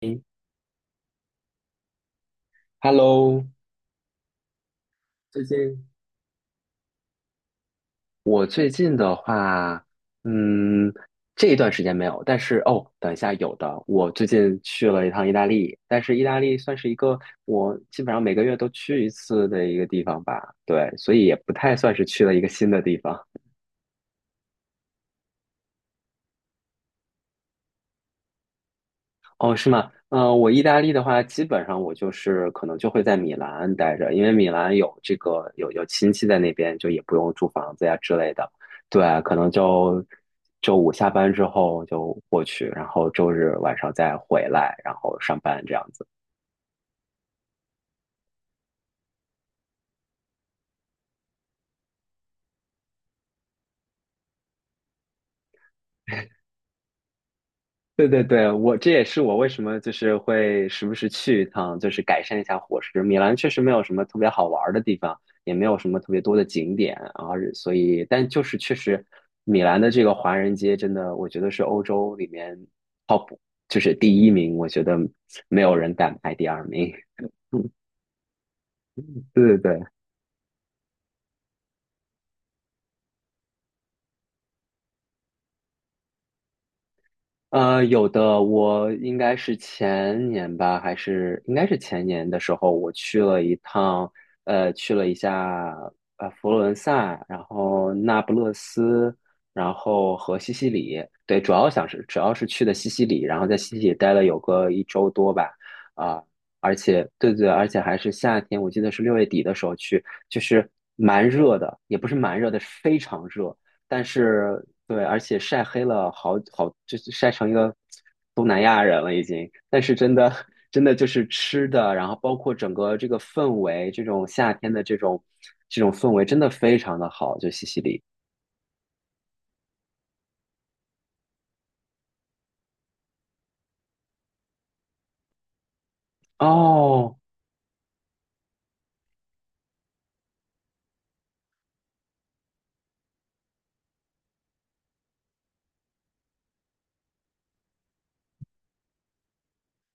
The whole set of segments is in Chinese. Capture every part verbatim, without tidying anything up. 诶 Hello，最近我最近的话，嗯，这一段时间没有，但是哦，等一下有的。我最近去了一趟意大利，但是意大利算是一个我基本上每个月都去一次的一个地方吧，对，所以也不太算是去了一个新的地方。哦，是吗？呃，我意大利的话，基本上我就是可能就会在米兰待着，因为米兰有这个有有亲戚在那边，就也不用租房子呀之类的。对，可能就周五下班之后就过去，然后周日晚上再回来，然后上班这样子。对对对，我这也是我为什么就是会时不时去一趟，就是改善一下伙食。米兰确实没有什么特别好玩儿的地方，也没有什么特别多的景点，然后所以，但就是确实，米兰的这个华人街真的，我觉得是欧洲里面 top，就是第一名，我觉得没有人敢排第二名。对对对。呃，有的，我应该是前年吧，还是应该是前年的时候，我去了一趟，呃，去了一下呃佛罗伦萨，然后那不勒斯，然后和西西里，对，主要想是主要是去的西西里，然后在西西里待了有个一周多吧，啊、而且对对，而且还是夏天，我记得是六月底的时候去，就是蛮热的，也不是蛮热的，是非常热。但是对，而且晒黑了好好，就是晒成一个东南亚人了已经。但是真的 真的就是吃的，然后包括整个这个氛围，这种夏天的这种这种氛围，真的非常的好，就西西里。哦，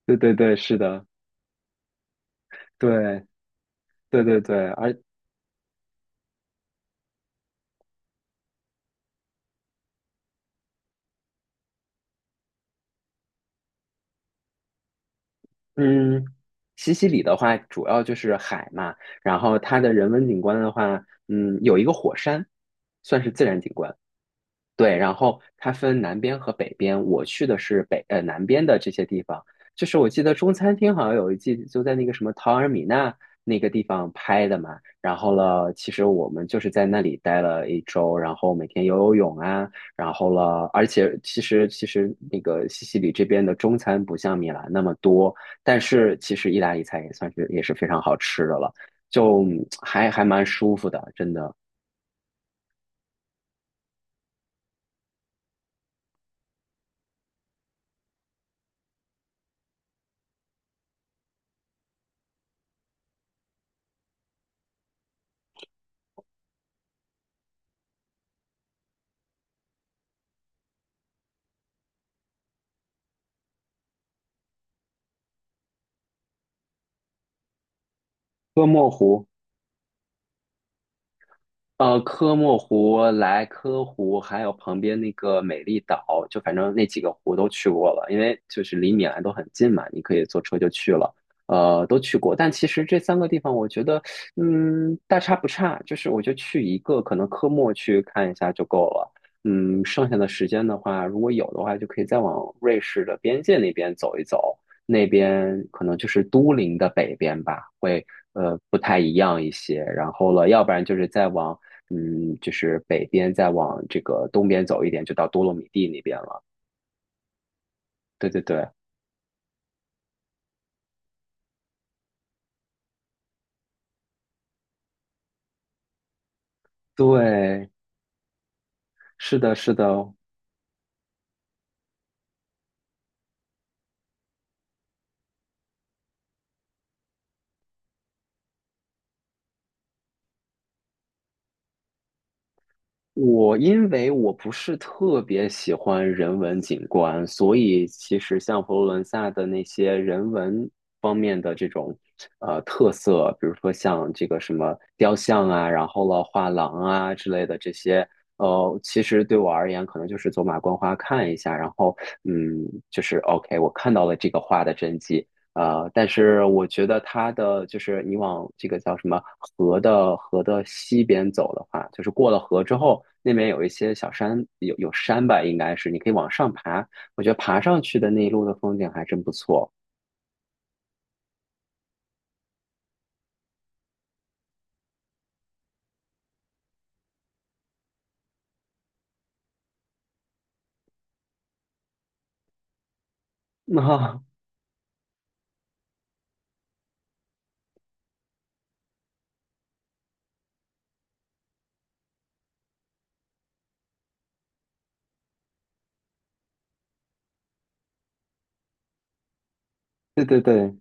对对对，是的，对对对对，而嗯，西西里的话主要就是海嘛，然后它的人文景观的话，嗯，有一个火山，算是自然景观。对，然后它分南边和北边，我去的是北呃南边的这些地方。就是我记得中餐厅好像有一季就在那个什么陶尔米纳那个地方拍的嘛。然后了，其实我们就是在那里待了一周，然后每天游游泳啊，然后了，而且其实其实那个西西里这边的中餐不像米兰那么多，但是其实意大利菜也算是也是非常好吃的了，就嗯还还蛮舒服的，真的。哥莫湖。呃，科莫湖、莱科湖，还有旁边那个美丽岛，就反正那几个湖都去过了，因为就是离米兰都很近嘛，你可以坐车就去了。呃，都去过，但其实这三个地方，我觉得，嗯，大差不差，就是我就去一个，可能科莫去看一下就够了。嗯，剩下的时间的话，如果有的话，就可以再往瑞士的边界那边走一走，那边可能就是都灵的北边吧，会呃不太一样一些。然后了，要不然就是再往。嗯，就是北边再往这个东边走一点，就到多洛米蒂那边了。对对对对，是的，是的。我因为我不是特别喜欢人文景观，所以其实像佛罗伦萨的那些人文方面的这种呃特色，比如说像这个什么雕像啊，然后了画廊啊之类的这些，呃，其实对我而言可能就是走马观花看一下，然后嗯，就是 OK，我看到了这个画的真迹，呃，但是我觉得它的就是你往这个叫什么河的河的西边走的话，就是过了河之后，那边有一些小山，有有山吧，应该是你可以往上爬。我觉得爬上去的那一路的风景还真不错。啊，对对对，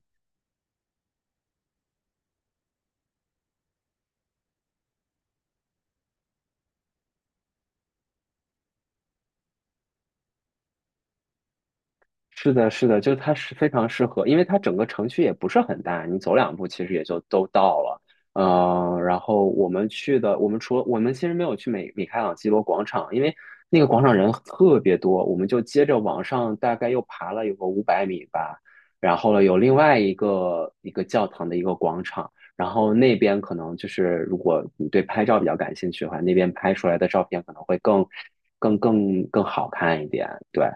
是的，是的，就它是非常适合，因为它整个城区也不是很大，你走两步其实也就都到了。嗯、呃，然后我们去的，我们除了我们其实没有去美米开朗基罗广场，因为那个广场人特别多，我们就接着往上大概又爬了有个五百米吧，然后呢有另外一个一个教堂的一个广场，然后那边可能就是如果你对拍照比较感兴趣的话，那边拍出来的照片可能会更更更更好看一点，对。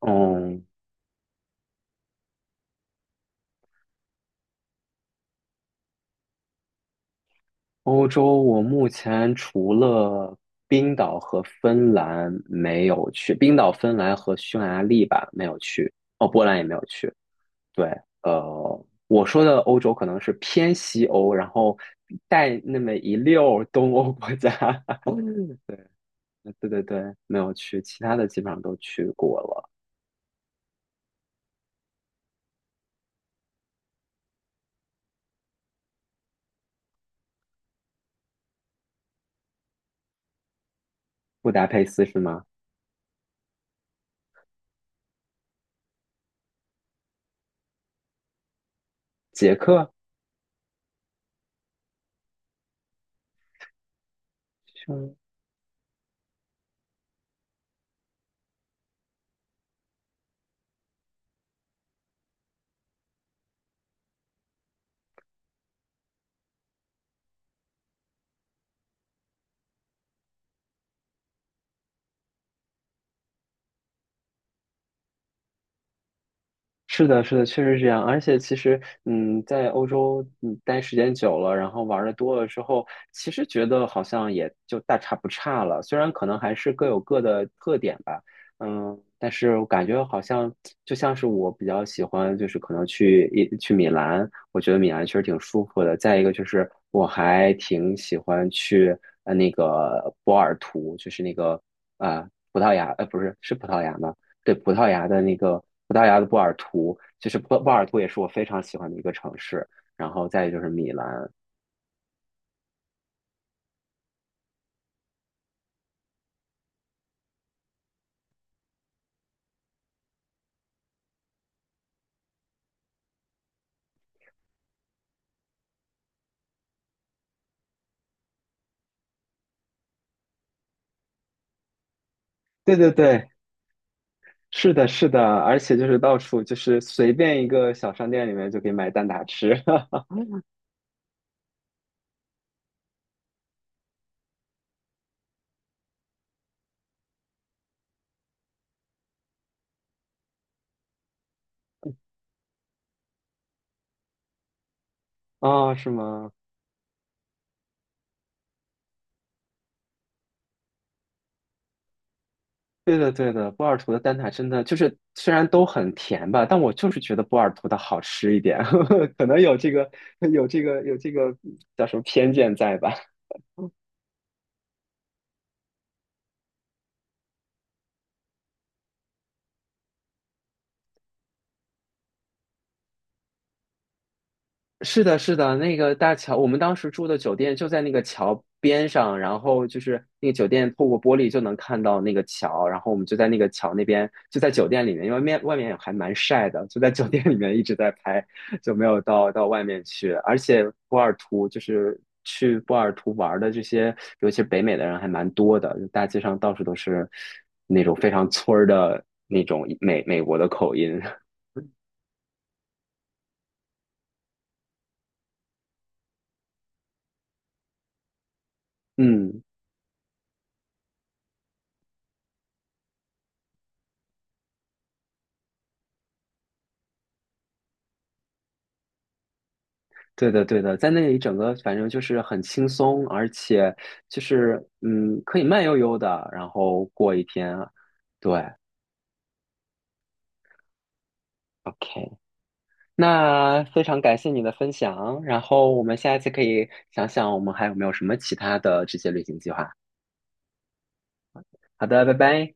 嗯，欧洲，我目前除了冰岛和芬兰没有去，冰岛、芬兰和匈牙利吧没有去，哦，波兰也没有去。对，呃，我说的欧洲可能是偏西欧，然后带那么一溜儿东欧国家。嗯对对对对，没有去，其他的基本上都去过了。布达佩斯是吗？捷克？是的，是的，确实是这样。而且其实，嗯，在欧洲嗯待时间久了，然后玩的多了之后，其实觉得好像也就大差不差了。虽然可能还是各有各的特点吧，嗯，但是我感觉好像就像是我比较喜欢，就是可能去一去米兰，我觉得米兰确实挺舒服的。再一个就是我还挺喜欢去呃那个波尔图，就是那个啊、呃葡萄牙，呃不是，是葡萄牙吗？对，葡萄牙的那个葡萄牙的波尔图，就是波波尔图也是我非常喜欢的一个城市。然后再就是米兰，对对对，是的，是的，而且就是到处就是随便一个小商店里面就可以买蛋挞吃啊 是吗？对的，对的，波尔图的蛋挞真的就是虽然都很甜吧，但我就是觉得波尔图的好吃一点，可能有这个有这个有这个叫什么偏见在吧？是的，是的，那个大桥，我们当时住的酒店就在那个桥边上，然后就是那个酒店透过玻璃就能看到那个桥，然后我们就在那个桥那边，就在酒店里面，因为面外面还蛮晒的，就在酒店里面一直在拍，就没有到到外面去。而且波尔图就是去波尔图玩的这些，尤其是北美的人还蛮多的，就大街上到处都是那种非常村儿的那种美美国的口音，嗯。对的，对的，在那里整个反正就是很轻松，而且就是嗯，可以慢悠悠的，然后过一天啊。对，OK，那非常感谢你的分享，然后我们下一次可以想想我们还有没有什么其他的这些旅行计划。好的，拜拜。